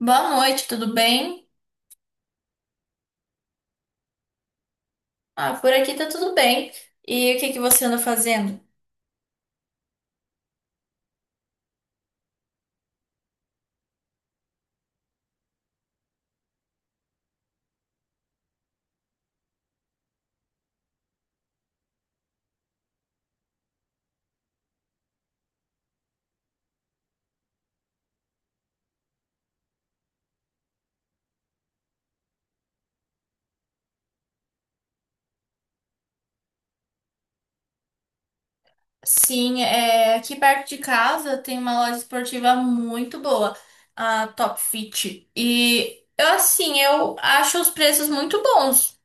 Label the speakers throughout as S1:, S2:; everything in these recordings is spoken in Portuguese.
S1: Boa noite, tudo bem? Ah, por aqui tá tudo bem. E o que que você anda fazendo? Sim, aqui perto de casa tem uma loja esportiva muito boa, a Top Fit. E eu assim, eu acho os preços muito bons.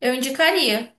S1: Eu indicaria.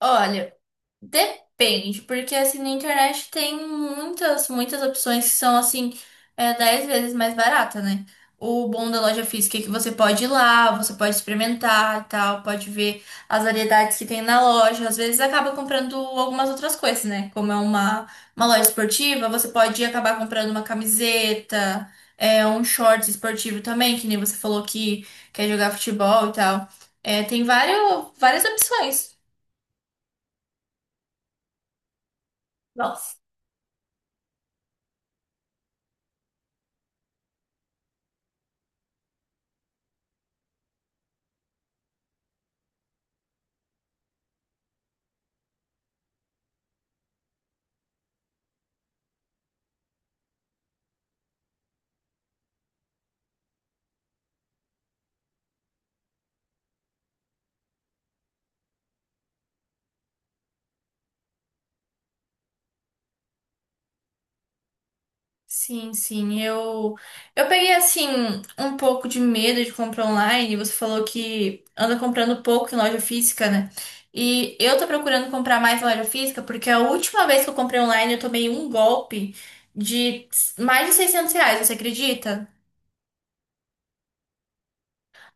S1: Olha. Depende, porque assim na internet tem muitas opções que são assim, 10 vezes mais barata, né? O bom da loja física é que você pode ir lá, você pode experimentar e tal, pode ver as variedades que tem na loja. Às vezes acaba comprando algumas outras coisas, né? Como é uma loja esportiva, você pode acabar comprando uma camiseta, um short esportivo também, que nem você falou que quer jogar futebol e tal. É, tem várias opções. Nossa. Sim, sim, eu peguei assim um pouco de medo de comprar online. Você falou que anda comprando pouco em loja física, né? E eu tô procurando comprar mais em loja física porque a última vez que eu comprei online eu tomei um golpe de mais de R$ 600, você acredita?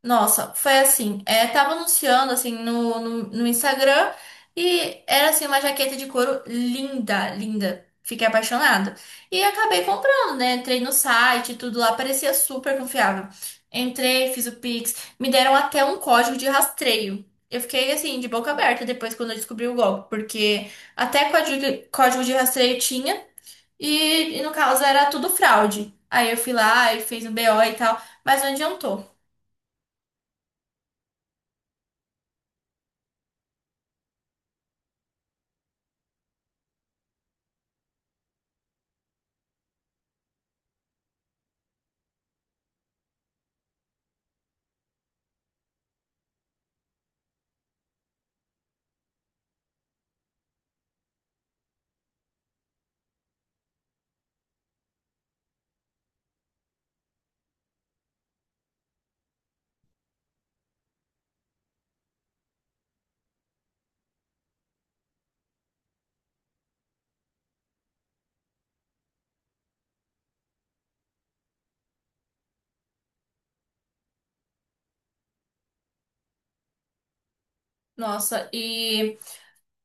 S1: Nossa, foi assim, é, tava anunciando assim no Instagram e era assim uma jaqueta de couro linda, linda. Fiquei apaixonada. E acabei comprando, né? Entrei no site, tudo lá parecia super confiável. Entrei, fiz o Pix, me deram até um código de rastreio. Eu fiquei assim de boca aberta depois quando eu descobri o golpe, porque até código de rastreio tinha e no caso era tudo fraude. Aí eu fui lá e fiz um BO e tal, mas não adiantou. Nossa,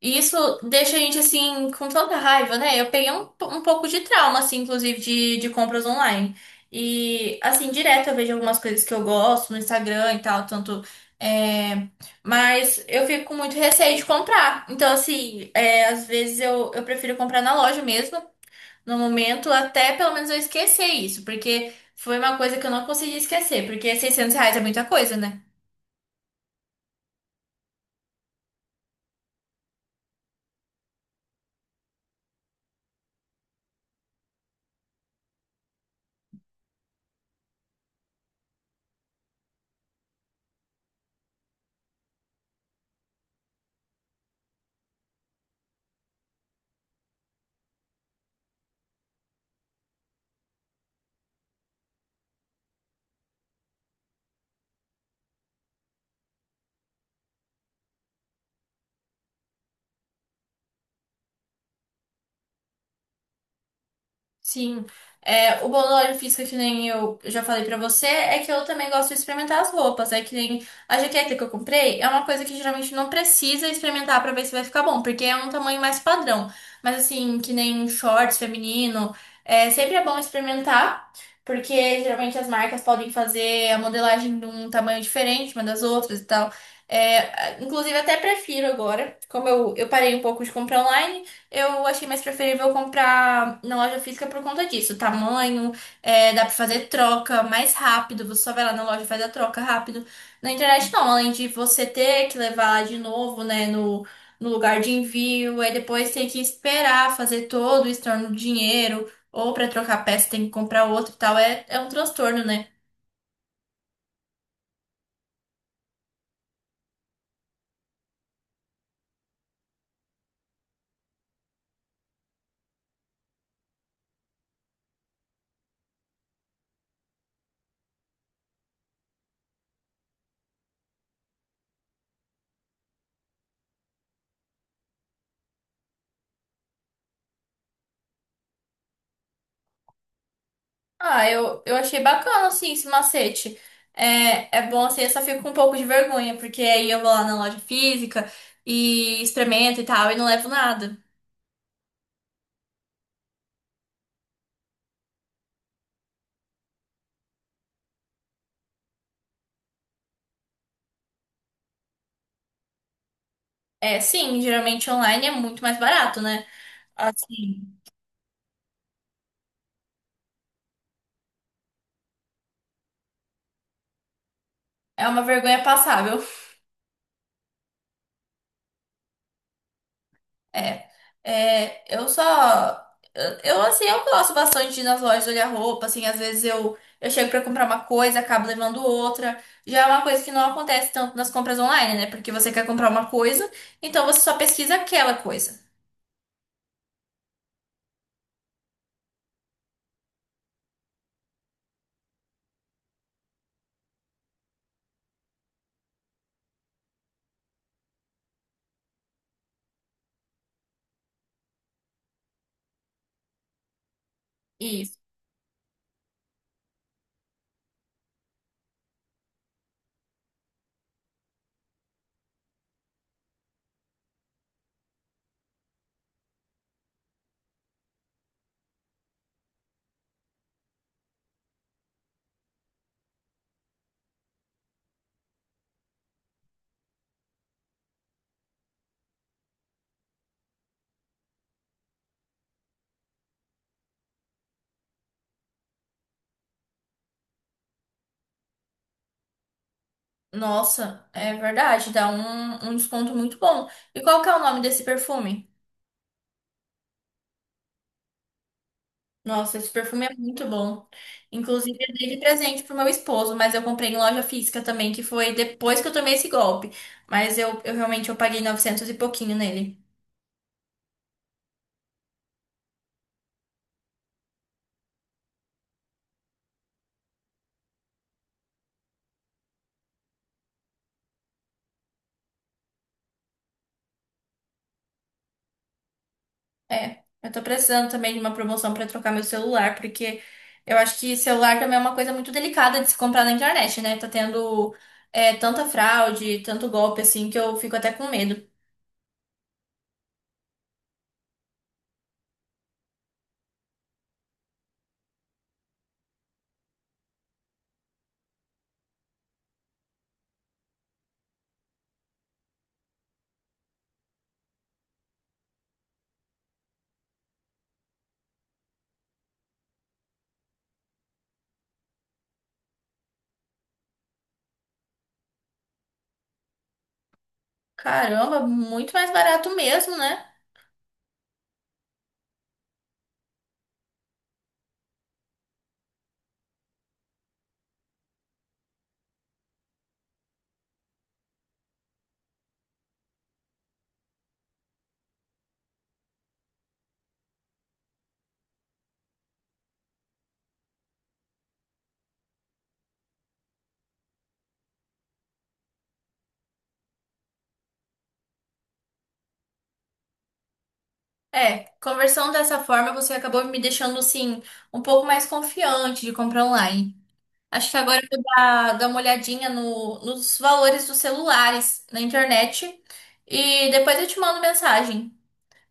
S1: e isso deixa a gente assim com tanta raiva, né? Eu peguei um, um pouco de trauma, assim, inclusive, de compras online. E assim, direto eu vejo algumas coisas que eu gosto no Instagram e tal, tanto. É, mas eu fico com muito receio de comprar. Então, assim, é, às vezes eu prefiro comprar na loja mesmo, no momento, até pelo menos eu esquecer isso, porque foi uma coisa que eu não consegui esquecer, porque R$ 600 é muita coisa, né? Sim. É, o bom da loja física, que nem eu já falei pra você, é que eu também gosto de experimentar as roupas. É que nem a jaqueta que eu comprei, é uma coisa que geralmente não precisa experimentar pra ver se vai ficar bom, porque é um tamanho mais padrão. Mas assim, que nem shorts feminino, sempre é bom experimentar, porque geralmente as marcas podem fazer a modelagem de um tamanho diferente uma das outras e tal. É, inclusive, até prefiro agora, eu parei um pouco de comprar online, eu achei mais preferível comprar na loja física por conta disso. Tamanho, é, dá pra fazer troca mais rápido. Você só vai lá na loja e faz a troca rápido. Na internet não, além de você ter que levar lá de novo, né, no lugar de envio, aí depois tem que esperar fazer todo o estorno do dinheiro, ou pra trocar peça tem que comprar outro e tal. É, é um transtorno, né? Ah, eu achei bacana, assim, esse macete. É, é bom, assim, eu só fico com um pouco de vergonha, porque aí eu vou lá na loja física e experimento e tal, e não levo nada. É, sim, geralmente online é muito mais barato, né? Assim, é uma vergonha passável. É, é, eu só. Assim, eu gosto bastante de ir nas lojas olhar roupa, assim, às vezes eu chego pra comprar uma coisa, acabo levando outra. Já é uma coisa que não acontece tanto nas compras online, né? Porque você quer comprar uma coisa, então você só pesquisa aquela coisa. Isso. Nossa, é verdade, dá um desconto muito bom. E qual que é o nome desse perfume? Nossa, esse perfume é muito bom. Inclusive, eu dei de presente pro meu esposo, mas eu comprei em loja física também, que foi depois que eu tomei esse golpe. Mas eu realmente eu paguei 900 e pouquinho nele. É, eu tô precisando também de uma promoção pra trocar meu celular, porque eu acho que celular também é uma coisa muito delicada de se comprar na internet, né? Tá tendo é, tanta fraude, tanto golpe assim, que eu fico até com medo. Caramba, muito mais barato mesmo, né? É, conversando dessa forma, você acabou me deixando, assim, um pouco mais confiante de comprar online. Acho que agora eu vou dar uma olhadinha nos valores dos celulares na internet e depois eu te mando mensagem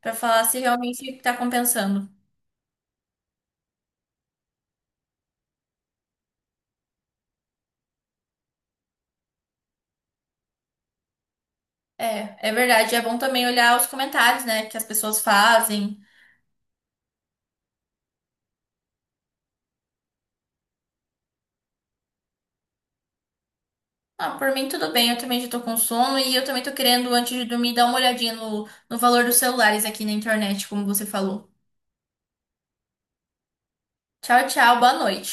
S1: pra falar se realmente tá compensando. É, é verdade. É bom também olhar os comentários, né, que as pessoas fazem. Ah, por mim tudo bem, eu também já tô com sono e eu também tô querendo, antes de dormir, dar uma olhadinha no valor dos celulares aqui na internet, como você falou. Tchau, tchau, boa noite.